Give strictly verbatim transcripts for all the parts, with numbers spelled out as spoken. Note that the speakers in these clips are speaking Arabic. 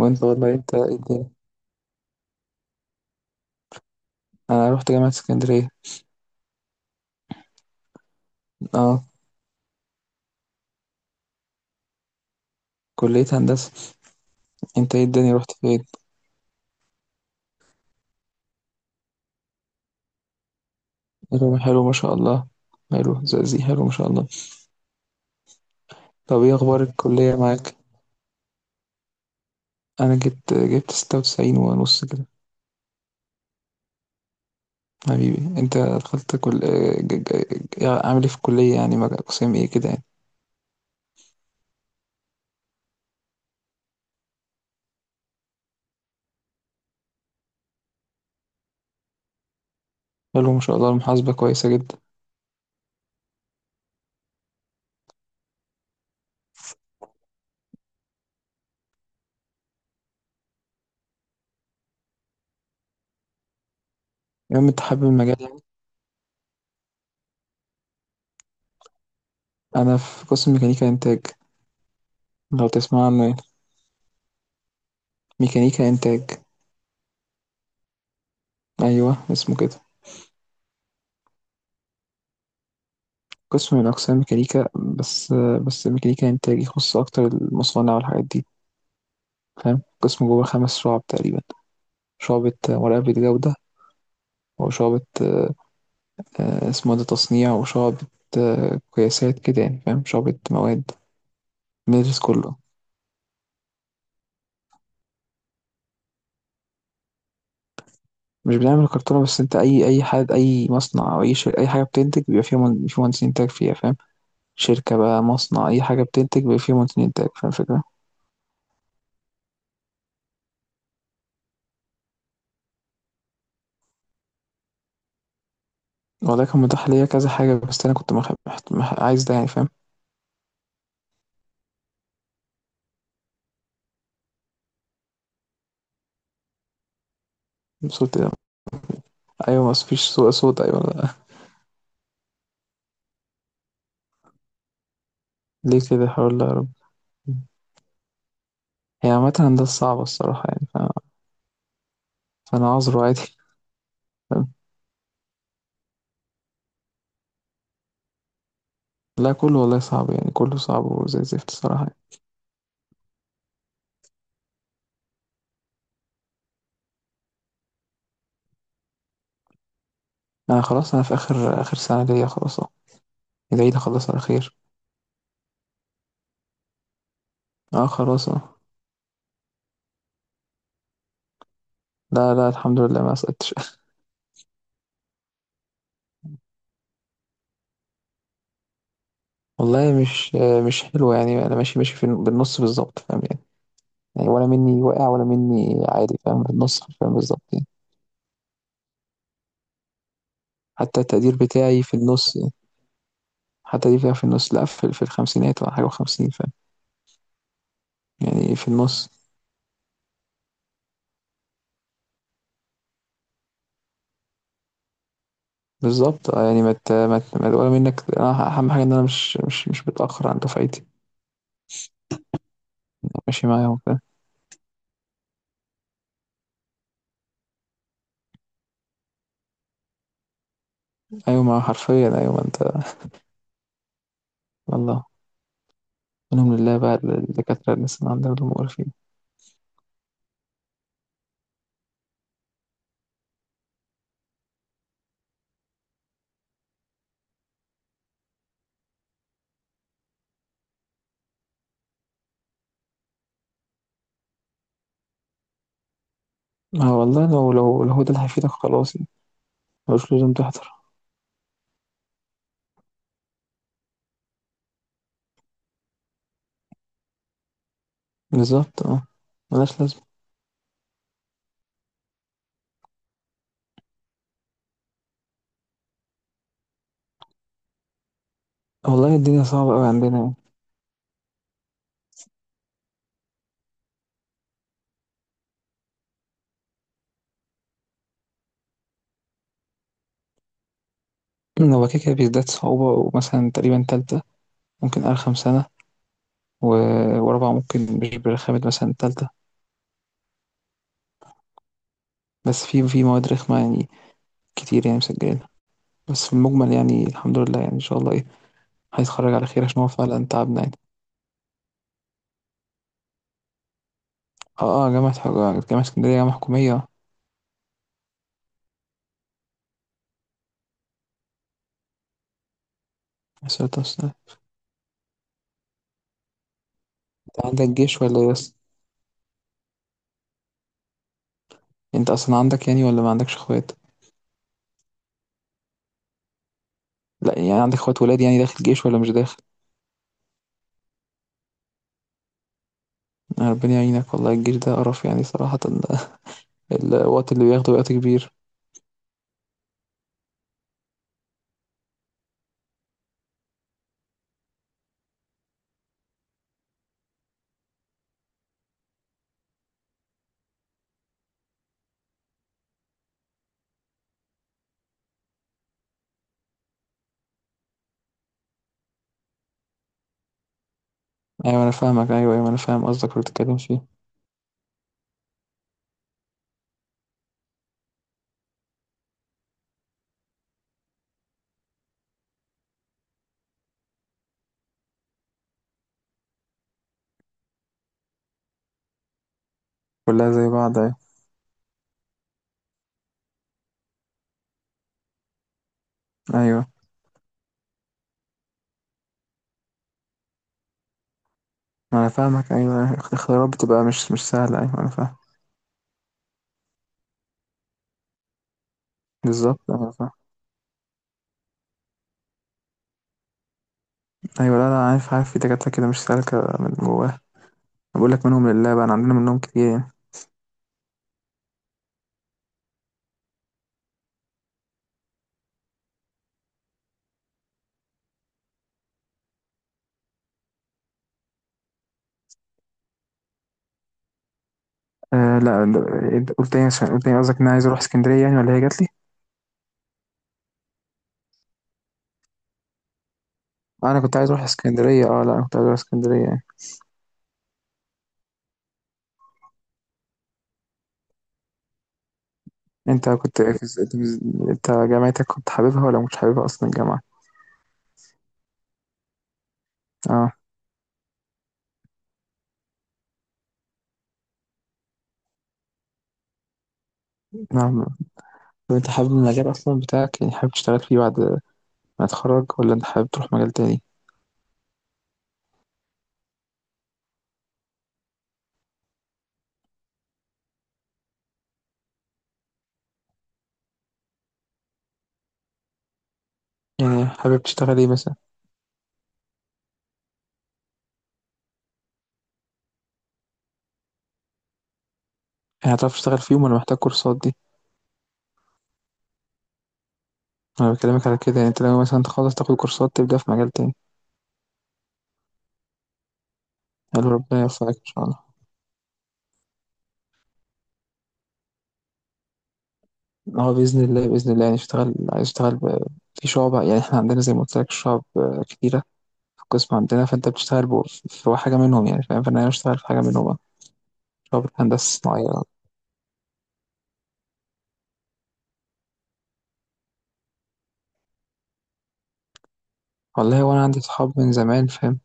وانت والله، انت ايه الدنيا؟ انا رحت جامعة اسكندرية. اه، كلية هندسة. انت ايه الدنيا رحت فين؟ حلو حلو، ما شاء الله. حلو زقزي، حلو ما شاء الله. طب ايه اخبار الكلية معاك؟ انا جبت جبت ستة وتسعين ونص كده. حبيبي انت دخلت كل ج- ج- ج- عامل ايه في الكلية يعني مج- قسم ايه كده يعني؟ حلو ما شاء الله، المحاسبة كويسة جدا. المهم انت حابب المجال يعني؟ انا في قسم ميكانيكا انتاج، لو تسمع عنه يعني. ميكانيكا انتاج، ايوه اسمه كده. قسم من أقسام ميكانيكا بس، بس ميكانيكا إنتاج يخص أكتر المصانع والحاجات دي، فاهم؟ قسم جوه خمس شعب تقريبا: شعبة مراقبة جودة، وشعبة آه، اسمه ده تصنيع، وشعبة آه، قياسات كده يعني، فاهم؟ شعبة مواد، بندرس كله. مش بنعمل كرتونة بس، انت أي أي حد، أي مصنع أو أي شركة، أي حاجة بتنتج بيبقى فيها من... في مهندسين إنتاج فيها، فاهم؟ شركة بقى، مصنع، أي حاجة بتنتج بيبقى فيها مهندسين إنتاج، فاهم الفكرة؟ والله كان متاح ليا كذا حاجة، بس أنا كنت مخ... مح... مح... عايز ده يعني، فاهم؟ وصلت. أيوة بس مفيش سوء صوت، أيوة، لا. ليه كده؟ حول الله يا رب. هي عامة هندسة صعبة الصراحة يعني، ف... فأنا عذره عادي. فاهم؟ لا، كله والله صعب يعني، كله صعب وزي الزفت الصراحة يعني. أنا خلاص، أنا في آخر آخر سنة ليا، خلاص أهو. العيد أخلص على خير. أه، خلاص أهو. لا لا، الحمد لله ما سقطتش. والله مش مش حلو يعني. أنا ماشي ماشي في الن- بالنص بالظبط، فاهم يعني؟ يعني ولا مني واقع ولا مني عادي، فاهم؟ بالنص، فاهم، بالظبط يعني. حتى التقدير بتاعي في النص يعني، حتى دي فيها في النص، لا في, في الخمسينات ولا حاجة، وخمسين يعني، في النُص. بالضبط، آه، يعني ما ت ما ت ما ولا منّك أنا. أهم حاجة إن أنا مش مش مش متأخّر عن دفعتي، أنا ماشي معاهم، فاهم؟ أيوه، ما هو حرفيًا، أيوه ما أنت. الله. منهم لله بقى ال الدكاترة اللي لسّه عندنا دول مقرفين. ما هو والله، لو لو لو هو ده اللي هيفيدك خلاص يعني، ما لوش لازم تحضر. بالضبط، آه، ما لهاش لازمة. والله الدنيا صعبة أوي عندنا يعني. هو كده، كده بيزداد صعوبة. ومثلًا تقريبًا تالتة ممكن أرخم سنة، و ورابعة ممكن مش برخامة مثلًا تالتة، بس في في مواد رخمة يعني كتير يعني مسجّلينها. بس في المجمل يعني الحمد لله، يعني ان شاء الله ايه هيتخرج على خير، عشان هو فعلا تعبنا يعني. اه اه، جامعة حك- جامعة اسكندرية جامعة حكومية. يا ساتر يا ساتر. انت عندك جيش ولا ايه بس؟ انت اصلا عندك يعني ولا ما عندكش اخوات؟ لا يعني عندك اخوات ولاد يعني داخل جيش ولا مش داخل؟ آه، ربنا يعينك، والله الجيش ده قرف يعني صراحة. الوقت اللي بياخده وقت كبير. ايوه انا فاهمك، ايوه ايوه انا فاهم قصدك اللي بتتكلم فيه. كلها زي بعض، ايوه. ايوه ما انا فاهمك، ايوه الاختيارات بتبقى مش مش سهلة، ايوه انا فاهم. بالظبط أيوة، انا فاهم. أيوه، لا، لا، عارف، عارف في دكاترة كده مش سالكة من جواها. أنا باقول لك منهم لله بقى، أنا عندنا منهم كتير يعني. آآ لأ ال أنت قُلت إيه؟ عشان قُلت إيه؟ قصدك إن أنا عايز أروح إسكندرية يعني والّا هي جات لي؟ آه، أنا كنت عايز أروح إسكندرية، آه، لأ أنا كنت عايز أروح إسكندرية يعني. أنت كنت في- أنت أنت جامعتك كنت حاببها والّا ما كنتش حاببها أصلًا الجامعة؟ آه. نعم. طب أنت حابب المجال أصلًا بتاعك يعني؟ حابب تشتغل فيه بعد ما تتخرّج والّا أنت حابب تروح مجال تاني؟ يعني حابب تشتغل إيه مثلًا؟ يعني هتعرف تشتغل فيهم والّا محتاج كورسات دي؟ أنا باكلمك على كده، يعني أنت ناوي مثلًا تخلّص تاخد كورسات تبدأ في مجال تاني. قال له ربنا يوفقك إن شاء الله. هو بإذن الله، بإذن الله يعني اشتغل، عايز اشتغل ب، في شُعب، يعني إحنا عندنا زي ما قُلت لك شُعب آه، كتيرة في القسم عندنا، فأنت بتشتغل ب، في حاجة منهم يعني، فاهم؟ فأنا عايز اشتغل في حاجة منهم بقى: شُعبة هندسة صناعية. والله هو أنا عندي صحاب من زمان، فاهم؟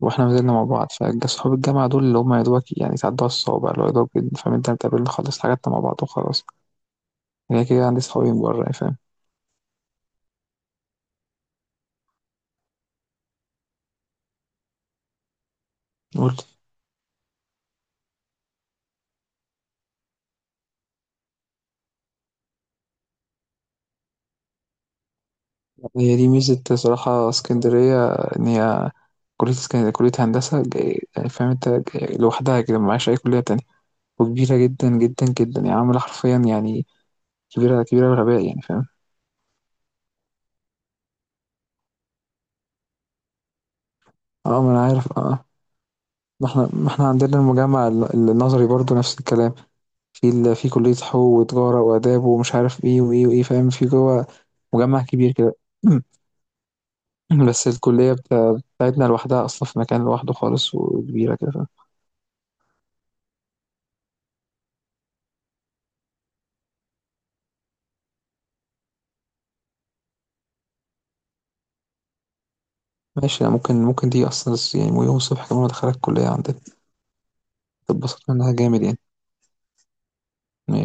وإحنا ما زلنا مع بعض، فج صحاب الجامعة دول اللي هم يا دوبك يعني تعدّوها الصوابع، اللي هو يا دوبك، فاهم؟ أنت بتقابلنا خلّصنا حاجاتنا مع بعض وخلاص. غير كده عندي صحابي من برّه يعني، فاهم. قُل لي. هي دي ميزة صراحة اسكندرية، إن هي كلية اسكندرية كلية هندسة جاي- يعني فاهم؟ أنت جاي- لوحدها كده معاش أي كلية تانية، وكبيرة جدا جدا جدا يعني، عاملة حرفيا يعني كبيرة كبيرة الغباء يعني، فاهم؟ اه ما أنا عارف، اه. ما احنا ما احنا عندنا المجمع ال- النظري برضو نفس الكلام، في ال... في كلية حقوق وتجارة وآداب ومش عارف ايه وايه وايه، فاهم؟ في جوه مجمع كبير كده. بس الكلية بتاع- بتاعتنا لوحدها أصلا في مكان لوحده خالص، وكبيرة كده، فاهم؟ ماشي، ممكن ممكن دي، أصلا يعني يوم الصبح كمان أدخلك الكلية عندنا تتبسط منها جامد يعني.